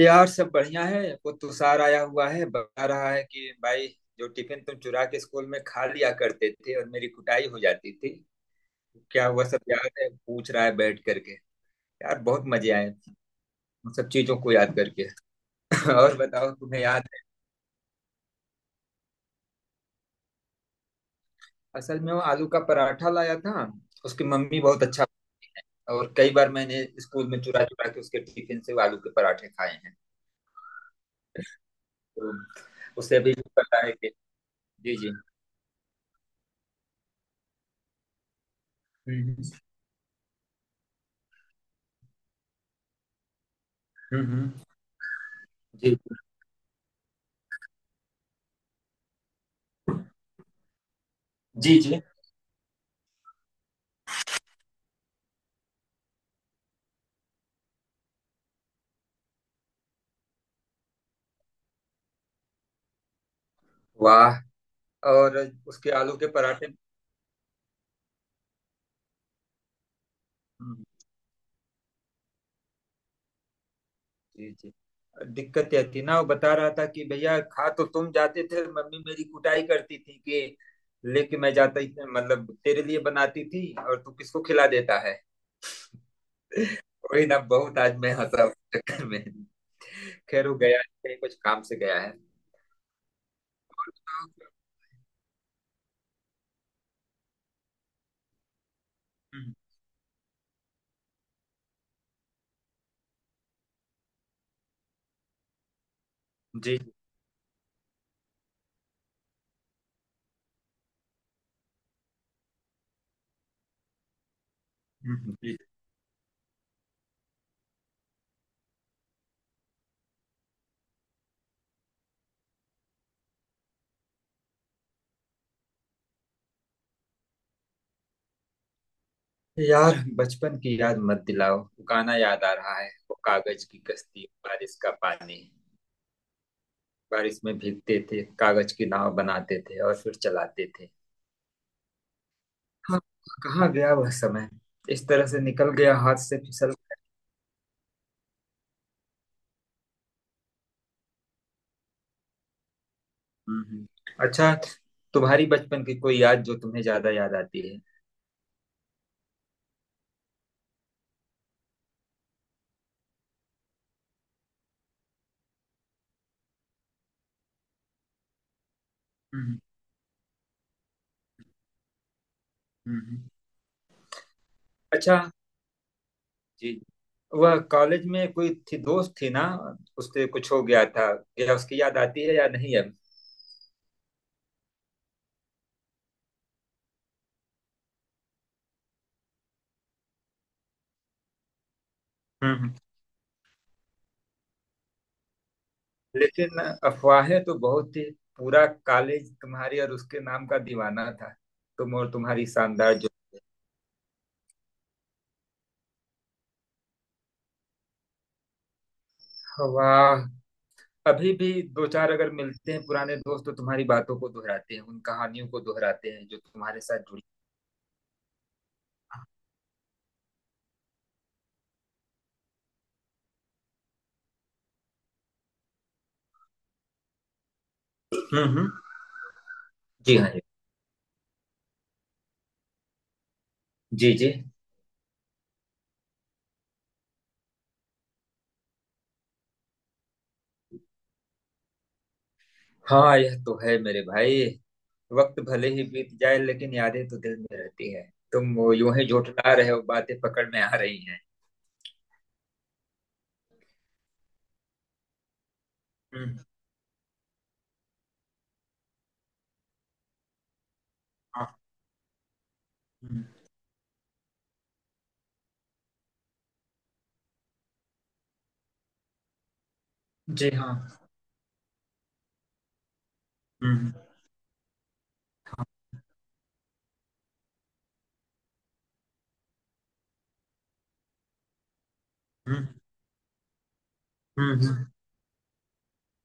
यार सब बढ़िया है। वो तुषार आया हुआ है, बता रहा है कि भाई जो टिफिन तुम चुरा के स्कूल में खा लिया करते थे और मेरी कुटाई हो जाती थी, क्या हुआ सब याद है? पूछ रहा है बैठ करके। यार बहुत मजे आए उन सब चीजों को याद करके। और बताओ, तुम्हें याद है? असल में वो आलू का पराठा लाया था। उसकी मम्मी बहुत अच्छा बनाती है, और कई बार मैंने स्कूल में चुरा चुरा के उसके टिफिन से वो आलू के पराठे खाए हैं। तो उसे भी पता है कि। जी जी। हम्म। हम्म, हम्म, जी जी। जी। वाह। और उसके आलू के पराठे। हम्म, जी जी। दिक्कत यह थी ना, वो बता रहा था कि भैया खा तो तुम जाते थे, मम्मी मेरी कुटाई करती थी कि लेके मैं जाता ही, मतलब तेरे लिए बनाती थी और तू किसको खिला देता है। वही ना, बहुत आज मैं हंसा उस चक्कर में। खैर वो गया नहीं, कहीं कुछ काम से गया है। हम्म, जी। जी। यार बचपन की याद मत दिलाओ, वो गाना याद आ रहा है, वो कागज की कश्ती बारिश का पानी। बारिश में भीगते थे, कागज की नाव बनाते थे और फिर चलाते थे। हाँ। कहाँ गया वह समय, इस तरह से निकल गया, हाथ से फिसल गया। हम्म, हम्म। अच्छा, तुम्हारी बचपन की कोई याद जो तुम्हें ज्यादा याद आती है? हम्म हम्म। अच्छा। जी। वह कॉलेज में कोई थी, दोस्त थी ना, उससे कुछ हो गया था क्या? उसकी याद आती है या नहीं अब? हम्म लेकिन अफवाहें तो बहुत थी। पूरा कॉलेज तुम्हारी और उसके नाम का दीवाना था। तुम और तुम्हारी शानदार जो। वाह। अभी भी दो चार अगर मिलते हैं पुराने दोस्त, तो तुम्हारी बातों को दोहराते हैं, उन कहानियों को दोहराते हैं जो तुम्हारे साथ जुड़ी। हम्म। जी हाँ। जी जी। हाँ। यह तो है मेरे भाई। वक्त भले ही बीत जाए लेकिन यादें तो दिल में रहती है। तुम वो यूं ही झूठला रहे हो, बातें पकड़ में आ रही हैं। हम्म। हाँ। हम्म, जी हाँ। हम्म। हाँ। हम्म हम्म, हम्म,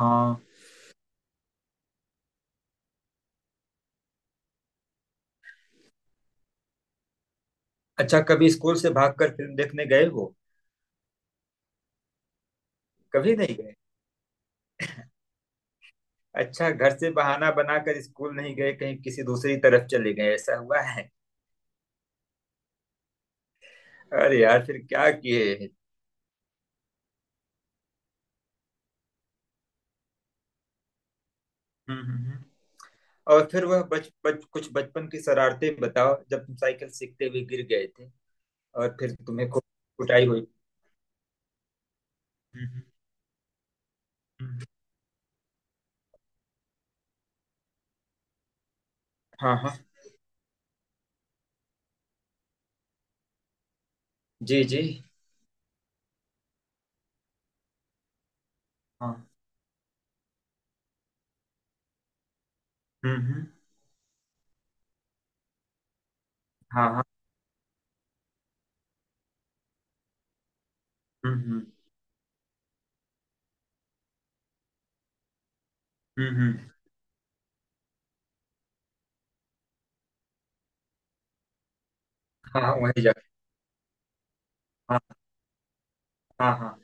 हाँ। अच्छा, कभी स्कूल से भागकर फिल्म देखने गए हो? कभी नहीं गए? अच्छा, घर से बहाना बनाकर स्कूल नहीं गए, कहीं किसी दूसरी तरफ चले गए, ऐसा हुआ है? अरे यार, फिर क्या किए? हम्म हम्म, हम्म। और फिर वह बच बच कुछ बचपन की शरारतें बताओ, जब तुम साइकिल सीखते हुए गिर गए थे और फिर तुम्हें खूब कुटाई हुई। हम्म, हम्म, हम्म। हाँ हाँ। जी जी। हाँ। हम्म। हाँ हाँ। हम्म हम्म हम्म, हम्म। हाँ हाँ, वहीं जा। हाँ हाँ। हाँ।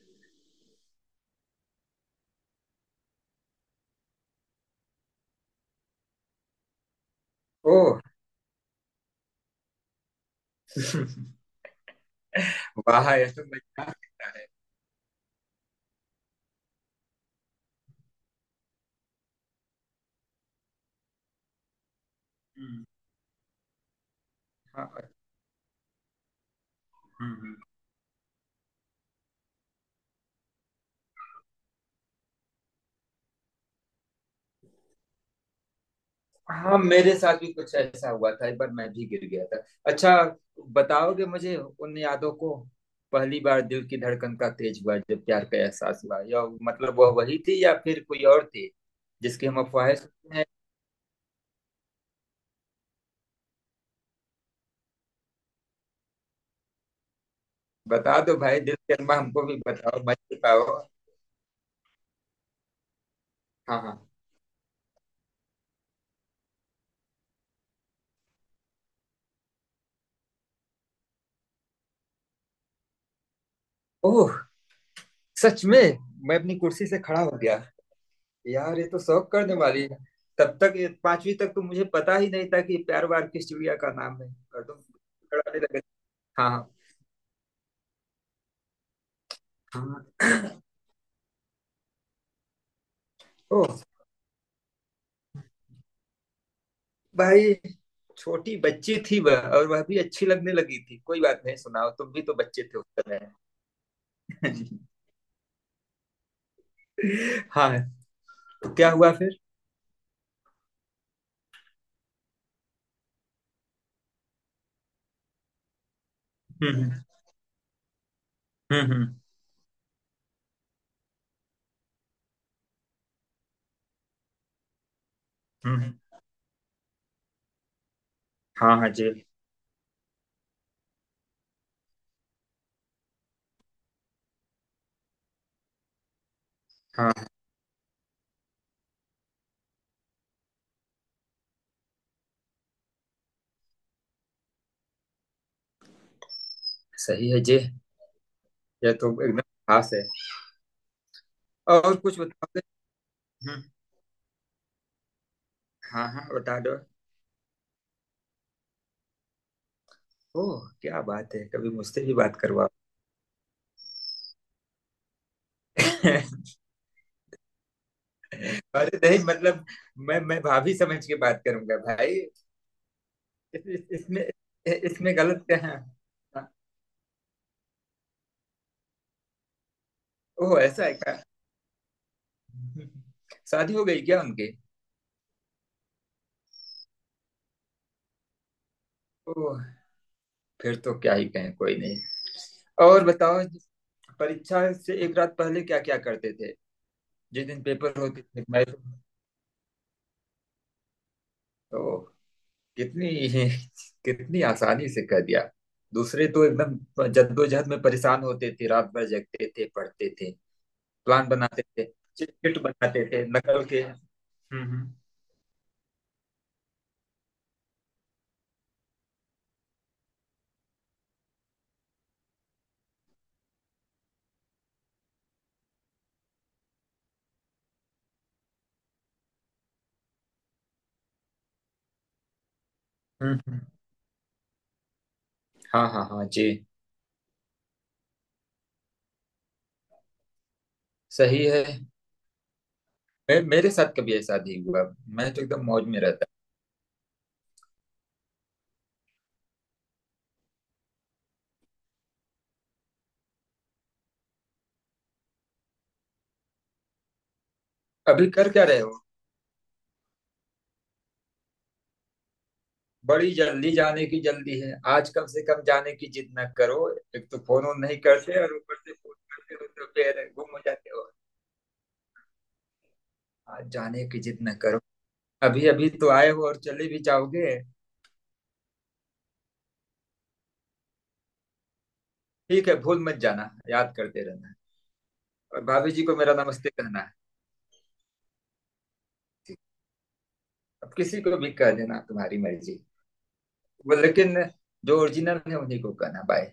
ओ। वाह, यह तो मजेदार लगता है। हम्म, हाँ। हम्म। हाँ, मेरे साथ भी कुछ ऐसा हुआ था, एक बार मैं भी गिर गया था। अच्छा, बताओगे मुझे उन यादों को? पहली बार दिल की धड़कन का तेज हुआ जब प्यार का एहसास हुआ, या मतलब वह वही थी या फिर कोई और थी जिसकी हम अफवाहें सुनते हैं? बता दो भाई, दिल के अम्मा हमको भी बताओ, मत पाओ। हाँ हाँ। ओह, सच में? मैं अपनी कुर्सी से खड़ा हो गया। यार ये तो शौक करने वाली है। तब तक ये पांचवी तक तो मुझे पता ही नहीं था कि प्यार वार किस चिड़िया का नाम है। और तुम पकड़ाने लगे। हाँ हाँ। हाँ। ओह। भाई, छोटी बच्ची थी वह और वह भी अच्छी लगने लगी थी, कोई बात नहीं, सुनाओ, तुम भी तो बच्चे थे उस समय। हाँ। तो क्या हुआ फिर? हम्म हम्म हम्म हम्म, हाँ हाँ जे। हाँ। सही है जे। यह तो एकदम खास है। और कुछ बताओगे? हम्म, हाँ हाँ बता दो। ओह, क्या बात है, कभी मुझसे भी बात करवाओ। अरे नहीं, मतलब मैं भाभी समझ के बात करूंगा भाई। इसमें, इसमें गलत क्या है? हाँ। ओह, ऐसा है, शादी हो गई क्या उनके? ओह, फिर तो क्या ही कहें, कोई नहीं। और बताओ, परीक्षा से एक रात पहले क्या क्या करते थे? जिस दिन पेपर होते थे मैं तो कितनी कितनी आसानी से कह दिया। दूसरे तो एकदम जद्दोजहद में परेशान होते थे, रात भर जगते थे, पढ़ते थे, प्लान बनाते थे, चिट बनाते थे नकल के। हम्म। हम्म। हम्म, हम्म। हाँ हाँ हाँ जी। सही है। मेरे साथ कभी ऐसा नहीं हुआ, मैं तो एकदम मौज में। अभी कर क्या रहे हो? बड़ी जल्दी जाने की जल्दी है, आज कम से कम जाने की जिद न करो। एक तो फोन वोन नहीं करते, और ऊपर से फोन करते हो तो फिर गुम हो जाते हो। आज जाने की जिद न करो। अभी अभी तो आए हो और चले भी जाओगे। ठीक है, भूल मत जाना, याद करते रहना। और भाभी जी को मेरा नमस्ते कहना है। ठीक। अब किसी को भी कह देना, तुम्हारी मर्जी। वो लेकिन जो ओरिजिनल है उन्हीं को कहना। बाय।